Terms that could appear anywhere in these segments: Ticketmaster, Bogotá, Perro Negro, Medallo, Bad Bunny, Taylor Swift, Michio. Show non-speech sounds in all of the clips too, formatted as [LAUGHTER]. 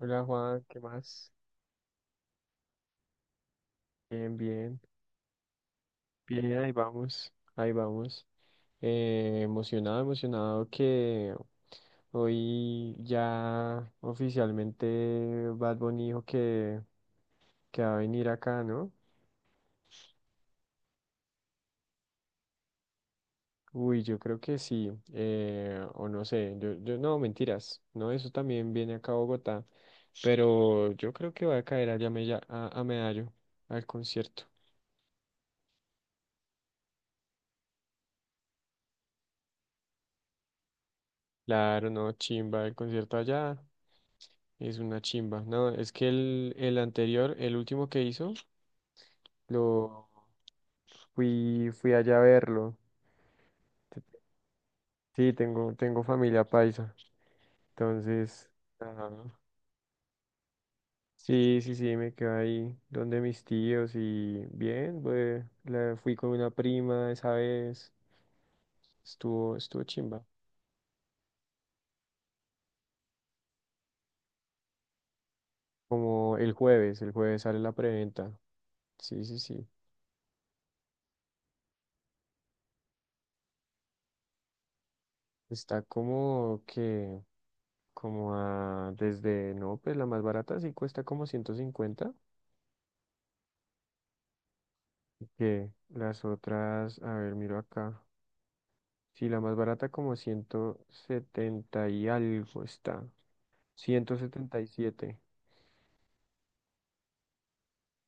Hola Juan, ¿qué más? Bien, bien, bien, ahí vamos, ahí vamos. Emocionado, emocionado que hoy ya oficialmente Bad Bunny dijo que va a venir acá, ¿no? Uy, yo creo que sí, o no sé, yo no, mentiras, no, eso también viene acá a Bogotá, pero yo creo que va a caer allá a, a Medallo, al concierto. Claro, no, chimba, el concierto allá. Es una chimba. No, es que el anterior, el último que hizo, lo fui allá a verlo. Te- Sí, tengo familia paisa. Entonces, ajá. Sí, sí, sí, me quedé ahí donde mis tíos y bien, pues, fui con una prima esa vez. Estuvo chimba. Como el jueves sale la preventa. Sí, sí, sí. Está como que. Como a, desde, no, pues la más barata sí cuesta como 150, que las otras, a ver, miro acá, sí, la más barata como 170 y algo está, 177,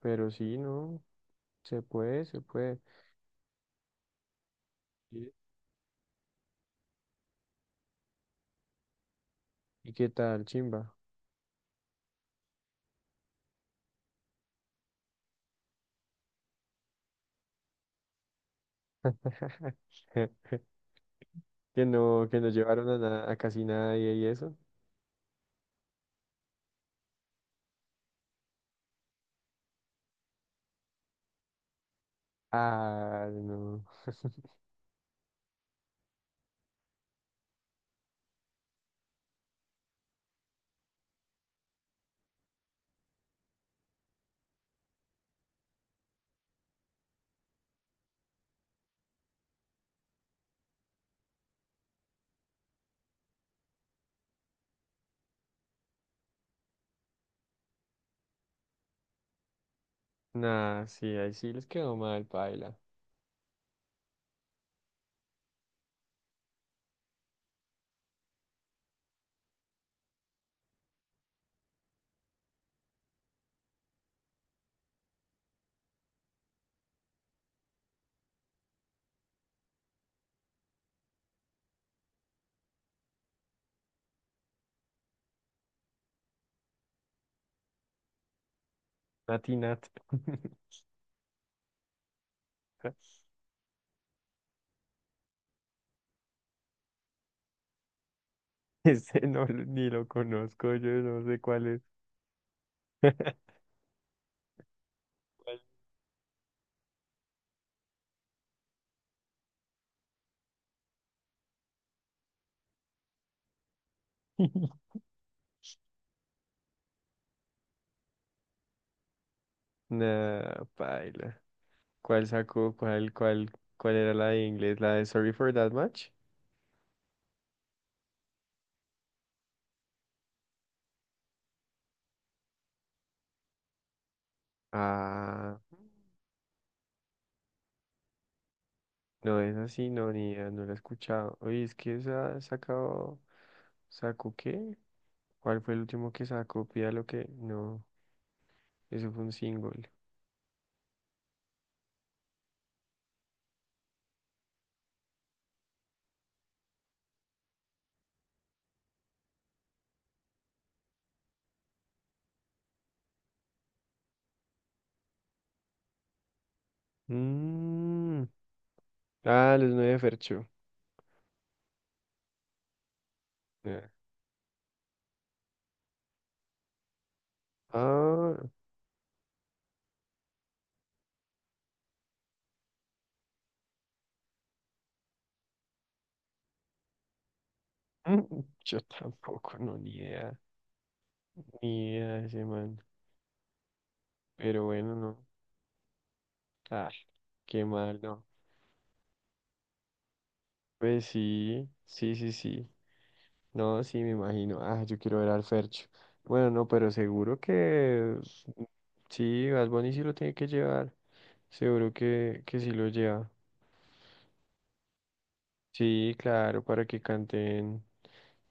pero sí, no, se puede, se puede. Sí. ¿Y qué tal, chimba? [LAUGHS] Que no, que nos llevaron a, a casi nadie y eso. Ah, no. Nah, sí, ahí sí les quedó mal, paila. Natinat. [LAUGHS] [LAUGHS] Ese no, ni lo conozco, yo no sé cuál es. [LAUGHS] [LAUGHS] Nah, paila. ¿Cuál sacó? ¿Cuál era la de inglés? ¿La de Sorry for That Much? Ah, no, es así, no, ni idea, no la he escuchado. Oye, es que esa ha sacado. ¿Sacó qué? ¿Cuál fue el último que sacó? Pida lo que. No, eso fue un single. Mm. Ah, los nueve Fercho. Ah, ah, [LAUGHS] yo tampoco, no, ni idea. Mira ese man. Pero bueno, no. Ah, qué mal, no. Pues sí, sí, sí, sí. No, sí, me imagino. Ah, yo quiero ver al Fercho. Bueno, no, pero seguro que sí, Bad Bunny sí lo tiene que llevar. Seguro que sí lo lleva. Sí, claro, para que canten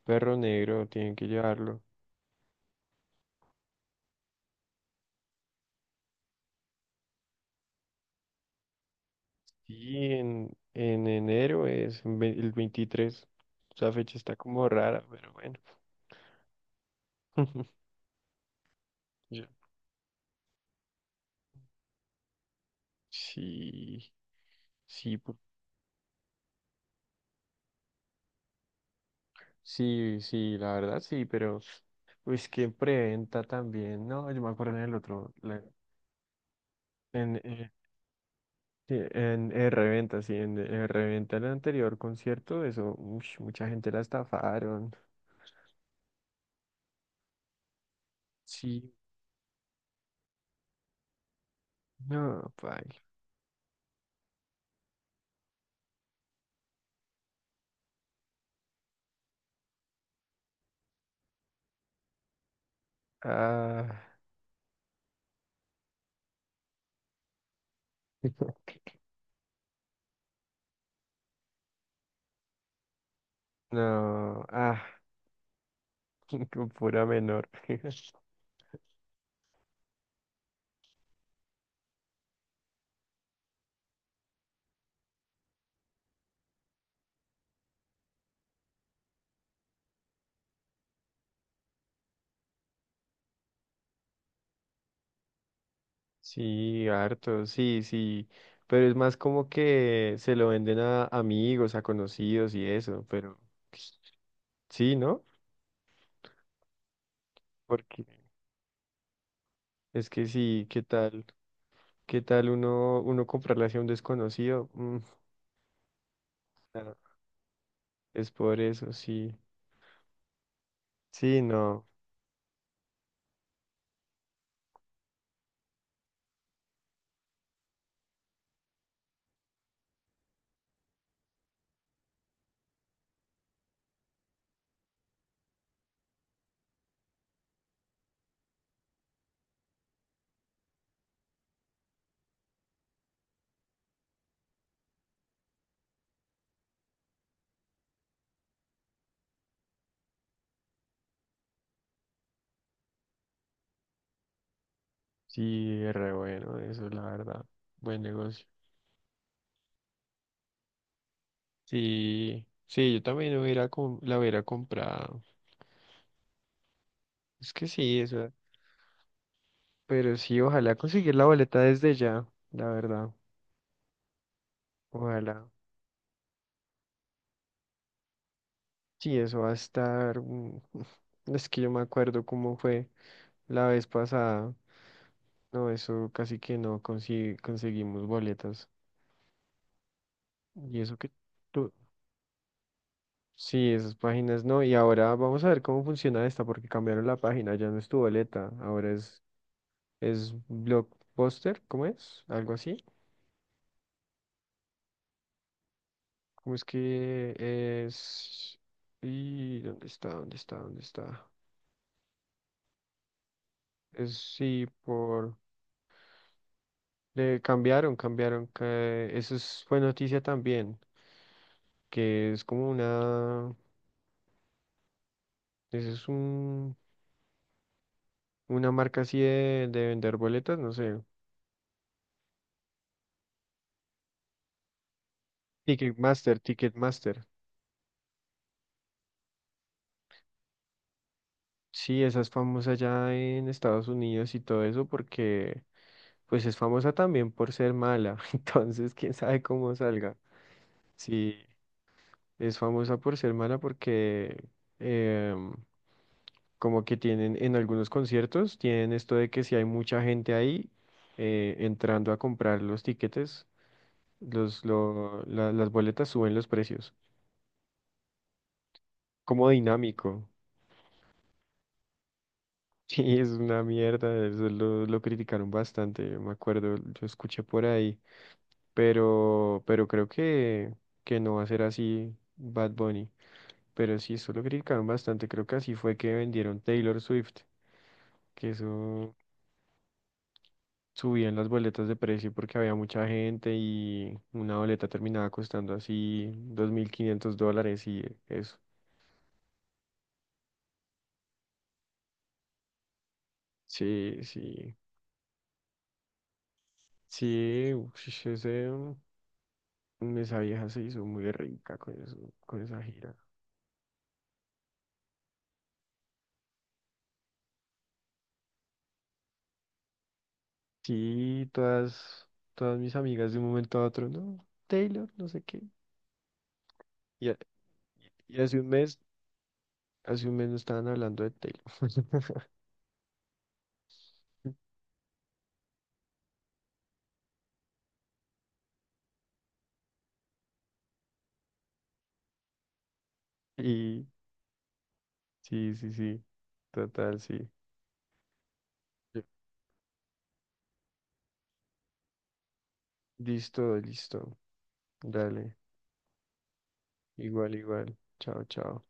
Perro Negro, tienen que llevarlo. Y en enero es el 23. Esa fecha está como rara, pero bueno. [LAUGHS] Yo- Sí. Sí, sí, sí, la verdad sí, pero pues que preventa también, no, yo me acuerdo en el otro, en, sí, en, reventa, sí, en reventa el anterior concierto, eso, ush, mucha gente la estafaron, sí, no, paila, ah, [LAUGHS] no, ah, [LAUGHS] con pura menor, [LAUGHS] sí, harto, sí, sí, pero es más como que se lo venden a amigos, a conocidos y eso, pero... Sí, ¿no? Porque es que sí, ¿qué tal? ¿Qué tal uno comprarle hacia un desconocido? Mm, no, es por eso, sí. Sí, no. Sí, es re bueno, eso la verdad. Buen negocio. Sí, sí, yo también hubiera, la hubiera comprado. Es que sí, eso. Pero sí, ojalá conseguir la boleta desde ya, la verdad. Ojalá. Sí, eso va a estar. Mm. [LAUGHS] Es que yo me acuerdo cómo fue la vez pasada. No, eso casi que no consigue, conseguimos boletas. Y eso que tú, sí, esas páginas no. Y ahora vamos a ver cómo funciona esta, porque cambiaron la página, ya no es tu boleta, ahora es Blockbuster, ¿cómo es? Algo así. ¿Cómo es que es? ¿Y dónde está? ¿Dónde está? ¿Dónde está? Es sí, por. Le cambiaron, cambiaron. Fue noticia también, que es como una. Eso es un Una marca así de vender boletas, no sé. Ticketmaster, Ticketmaster. Sí, esa es famosa ya en Estados Unidos y todo eso porque pues es famosa también por ser mala. [LAUGHS] Entonces, quién sabe cómo salga. Sí, es famosa por ser mala porque em, como que tienen en algunos conciertos, tienen esto de que si hay mucha gente ahí, entrando a comprar los tiquetes, las boletas suben los precios. Como dinámico. Sí, es una mierda, eso lo criticaron bastante, yo me acuerdo, yo escuché por ahí, pero creo que no va a ser así Bad Bunny, pero sí, eso lo criticaron bastante, creo que así fue que vendieron Taylor Swift, que eso subían las boletas de precio porque había mucha gente y una boleta terminaba costando así $2.500 y eso. Sí, sí, sí, ush, esa vieja se hizo muy rica con eso, con esa gira. Sí, todas, todas mis amigas de un momento a otro, no, Taylor, no sé qué. Y, a- y hace un mes no estaban hablando de Taylor. [LAUGHS] Y sí, sí, sí, total, sí. Listo, listo. Dale, igual, igual. Chao, chao.